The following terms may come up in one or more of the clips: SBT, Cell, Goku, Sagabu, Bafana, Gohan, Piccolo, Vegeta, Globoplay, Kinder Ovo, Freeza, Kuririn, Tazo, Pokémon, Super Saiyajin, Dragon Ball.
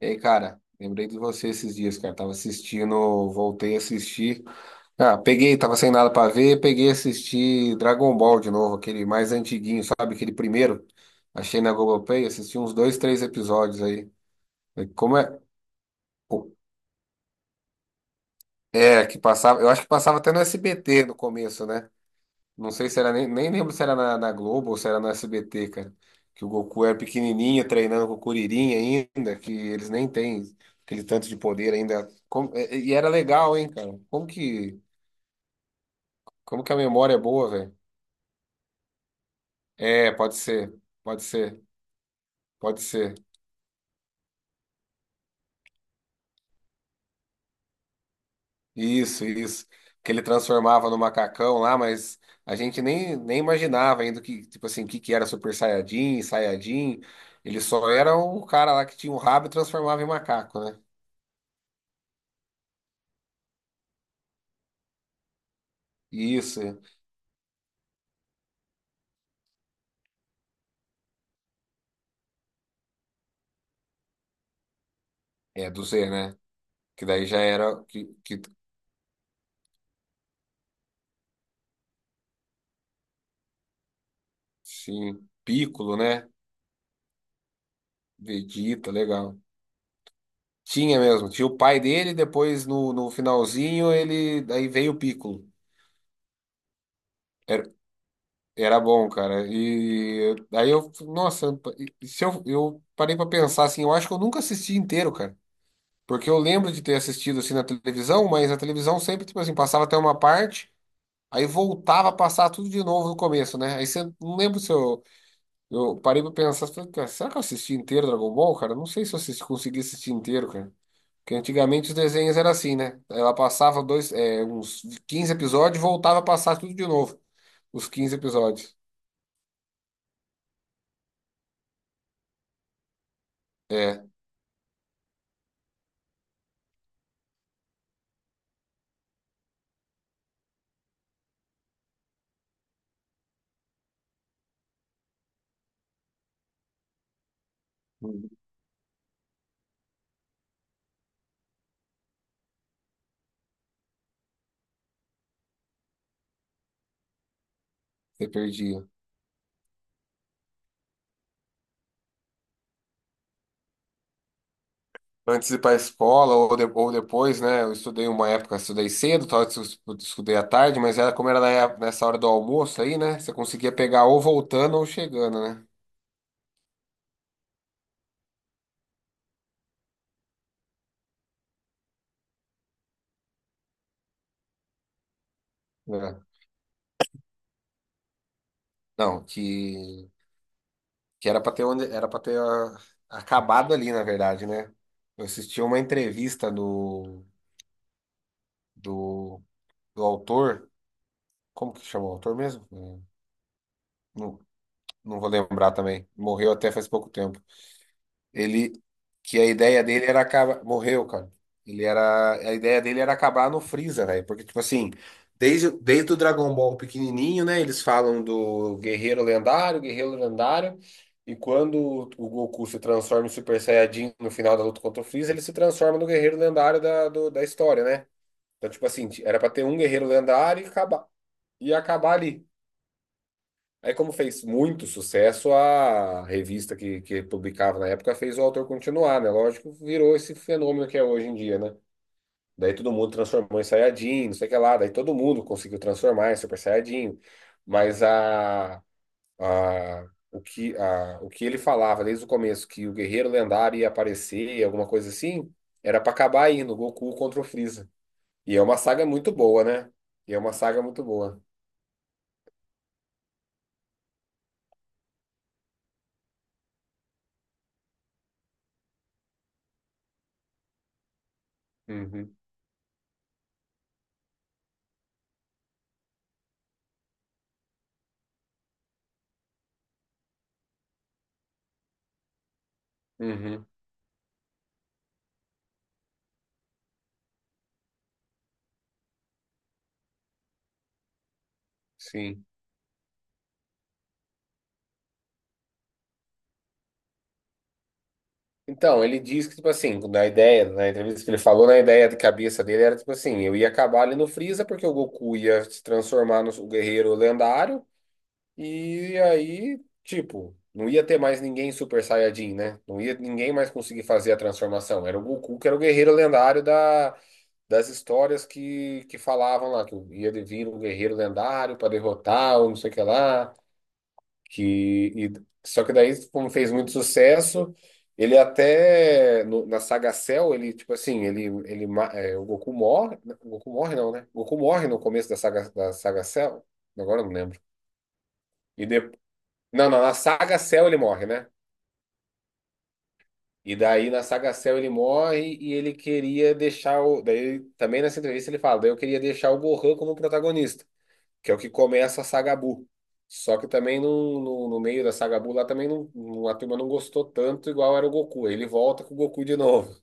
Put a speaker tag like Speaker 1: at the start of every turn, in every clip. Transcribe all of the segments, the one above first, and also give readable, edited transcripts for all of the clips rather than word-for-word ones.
Speaker 1: E aí, cara, lembrei de você esses dias, cara. Tava assistindo, voltei a assistir. Ah, peguei, tava sem nada pra ver, peguei e assisti Dragon Ball de novo, aquele mais antiguinho, sabe? Aquele primeiro. Achei na Globoplay, assisti uns dois, três episódios aí. Como é? Pô, é, que passava, eu acho que passava até no SBT no começo, né? Não sei se era nem lembro se era na Globo ou se era no SBT, cara. Que o Goku era pequenininho, treinando com o Kuririn ainda, que eles nem têm aquele tanto de poder ainda. E era legal, hein, cara? Como que a memória é boa, velho? É, pode ser, pode ser, pode ser. Isso, isso. Que ele transformava no macacão lá, mas a gente nem imaginava ainda que, tipo assim, o que era Super Saiyajin, Saiyajin. Ele só era o cara lá que tinha um rabo e transformava em macaco, né? Isso. É, do Z, né? Que daí já era. Sim, Piccolo, né? Vegeta, legal. Tinha mesmo. Tinha o pai dele, depois no finalzinho ele. Daí veio o Piccolo. Era, era bom, cara. E aí eu. Nossa, e se eu parei pra pensar assim, eu acho que eu nunca assisti inteiro, cara. Porque eu lembro de ter assistido assim na televisão, mas a televisão sempre, tipo assim, passava até uma parte, aí voltava a passar tudo de novo no começo, né? Aí você não lembro se eu eu parei pra pensar, falei, cara, será que eu assisti inteiro Dragon Ball, cara? Não sei se eu assisti, consegui assistir inteiro, cara. Porque antigamente os desenhos eram assim, né? Ela passava dois, é, uns 15 episódios e voltava a passar tudo de novo. Os quinze episódios. É, você perdia. Antes de ir pra escola ou, ou depois, né? Eu estudei uma época, estudei cedo, talvez eu estudei à tarde, mas era como era na nessa hora do almoço aí, né? Você conseguia pegar ou voltando ou chegando, né? É. Não, que era pra ter onde, era para ter acabado ali, na verdade, né? Eu assisti uma entrevista do, do autor, como que chama o autor mesmo? Não, não vou lembrar também. Morreu até faz pouco tempo. Ele, que a ideia dele era acabar, morreu, cara. Ele era, a ideia dele era acabar no Freeza, velho, porque tipo assim, desde o Dragon Ball pequenininho, né, eles falam do guerreiro lendário, e quando o Goku se transforma em Super Saiyajin no final da luta contra o Freeza, ele se transforma no guerreiro lendário da, da história, né? Então, tipo assim, era pra ter um guerreiro lendário e acabar ali. Aí, como fez muito sucesso, a revista que publicava na época fez o autor continuar, né? Lógico, virou esse fenômeno que é hoje em dia, né? Daí todo mundo transformou em Saiyajin, não sei o que lá. Daí todo mundo conseguiu transformar em Super Saiyajin. Mas a, o que ele falava desde o começo, que o guerreiro lendário ia aparecer, alguma coisa assim, era pra acabar aí no Goku contra o Freeza. E é uma saga muito boa, né? E é uma saga muito boa. Uhum, uhum, sim. Então, ele diz que, tipo assim, na ideia, na entrevista que ele falou, na ideia de cabeça dele era, tipo assim, eu ia acabar ali no Freeza porque o Goku ia se transformar no guerreiro lendário e aí, tipo, não ia ter mais ninguém Super Saiyajin, né? Não ia ninguém mais conseguir fazer a transformação. Era o Goku que era o guerreiro lendário da, das histórias que falavam lá, que ia vir um guerreiro lendário para derrotar ou não sei o que lá que só que daí como fez muito sucesso ele até na saga Cell ele tipo assim o Goku morre, o Goku morre não, né, o Goku morre no começo da saga, da saga Cell, agora eu não lembro e de, não não na saga Cell ele morre, né, e daí na saga Cell ele morre e ele queria deixar o, daí também nessa entrevista ele fala, daí eu queria deixar o Gohan como protagonista, que é o que começa a Sagabu. Só que também no meio da Sagabu lá também a turma não gostou tanto igual era o Goku. Ele volta com o Goku de novo.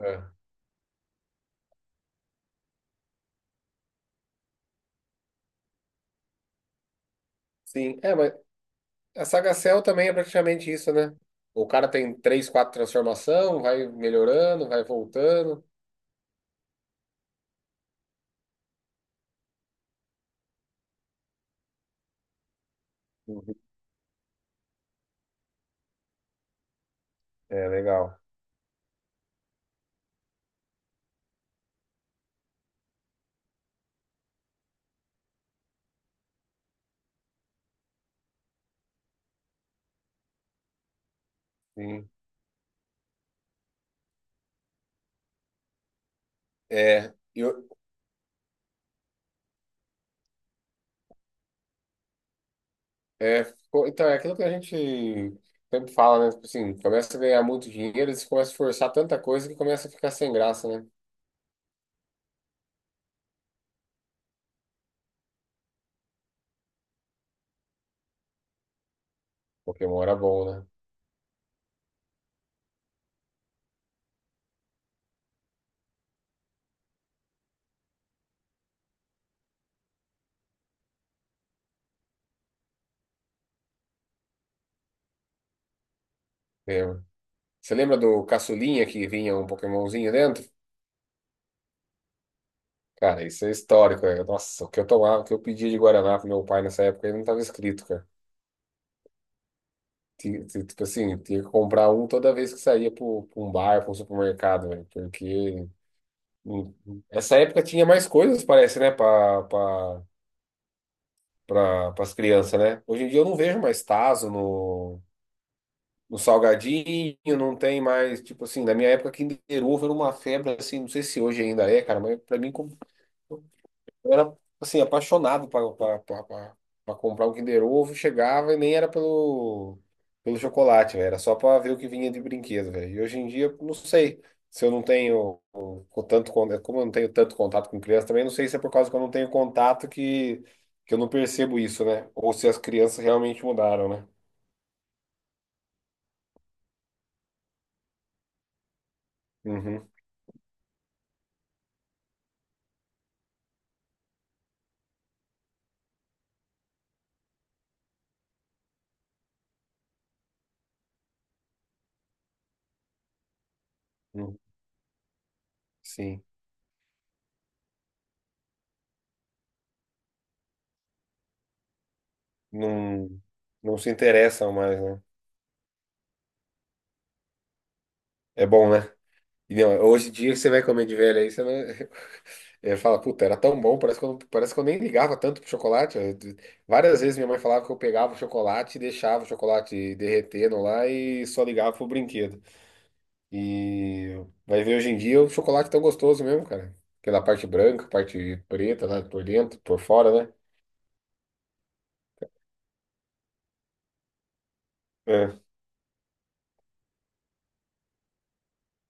Speaker 1: É. Sim, é, mas a Saga Cell também é praticamente isso, né? O cara tem três, quatro transformação, vai melhorando, vai voltando. Uhum. É, legal. Sim. É, e eu, então, é aquilo que a gente sempre fala, né? Tipo assim, começa a ganhar muito dinheiro, eles começam a forçar tanta coisa que começa a ficar sem graça, né? Pokémon era bom, né? É, você lembra do caçulinha que vinha um Pokémonzinho dentro? Cara, isso é histórico, né? Nossa, o que eu tomava, o que eu pedia de Guaraná pro meu pai nessa época, ele não tava escrito, cara. Tipo assim, tinha que comprar um toda vez que saía para um bar, para um supermercado, velho. Porque hum, essa época tinha mais coisas, parece, né, para as crianças, né? Hoje em dia eu não vejo mais Tazo no salgadinho, não tem mais, tipo assim, na minha época Kinder Ovo era uma febre, assim, não sei se hoje ainda é, cara, mas pra mim eu era, assim, apaixonado para comprar um Kinder Ovo, chegava e nem era pelo chocolate, velho. Era só para ver o que vinha de brinquedo, velho. E hoje em dia, não sei se eu não tenho o tanto, como eu não tenho tanto contato com criança também, não sei se é por causa que eu não tenho contato que eu não percebo isso, né? Ou se as crianças realmente mudaram, né? Uhum, uhum, sim. Não, não se interessam mais, né? É bom, né? E, não, hoje em dia que você vai comer de velho aí, você não. Eu falo, puta, era tão bom, parece que eu, parece que eu nem ligava tanto pro chocolate. Várias vezes minha mãe falava que eu pegava o chocolate e deixava o chocolate derretendo lá e só ligava pro brinquedo. E vai ver hoje em dia o chocolate tão gostoso mesmo, cara. Aquela parte branca, parte preta lá por dentro, por fora, né? É.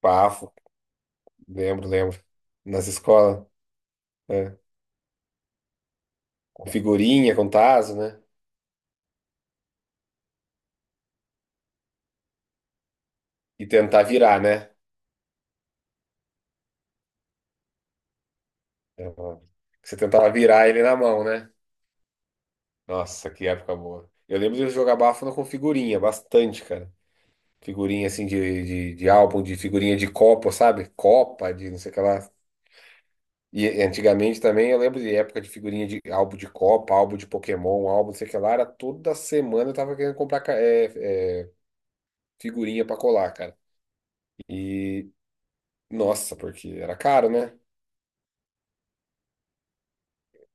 Speaker 1: Bafo, lembro, lembro. Nas escolas, é. Com figurinha, com tazo, né? E tentar virar, né? É, ó, você tentava virar ele na mão, né? Nossa, que época boa. Eu lembro de jogar Bafana com figurinha, bastante, cara. Figurinha assim de álbum, de figurinha de copo, sabe? Copa, de não sei o que lá. E antigamente também eu lembro de época de figurinha de álbum de Copa, álbum de Pokémon, álbum não sei o que lá. Era toda semana eu tava querendo comprar figurinha pra colar, cara. E nossa, porque era caro, né?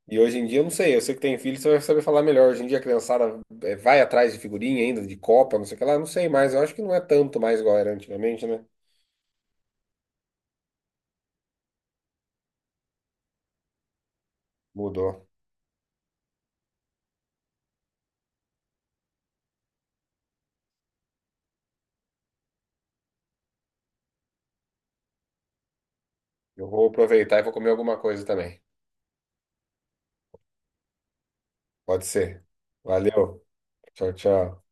Speaker 1: E hoje em dia, eu não sei, eu sei que tem filho, você vai saber falar melhor. Hoje em dia, a criançada vai atrás de figurinha ainda, de Copa, não sei o que lá, não sei mais. Eu acho que não é tanto mais igual era antigamente, né? Mudou. Eu vou aproveitar e vou comer alguma coisa também. Pode ser. Valeu. Tchau, tchau.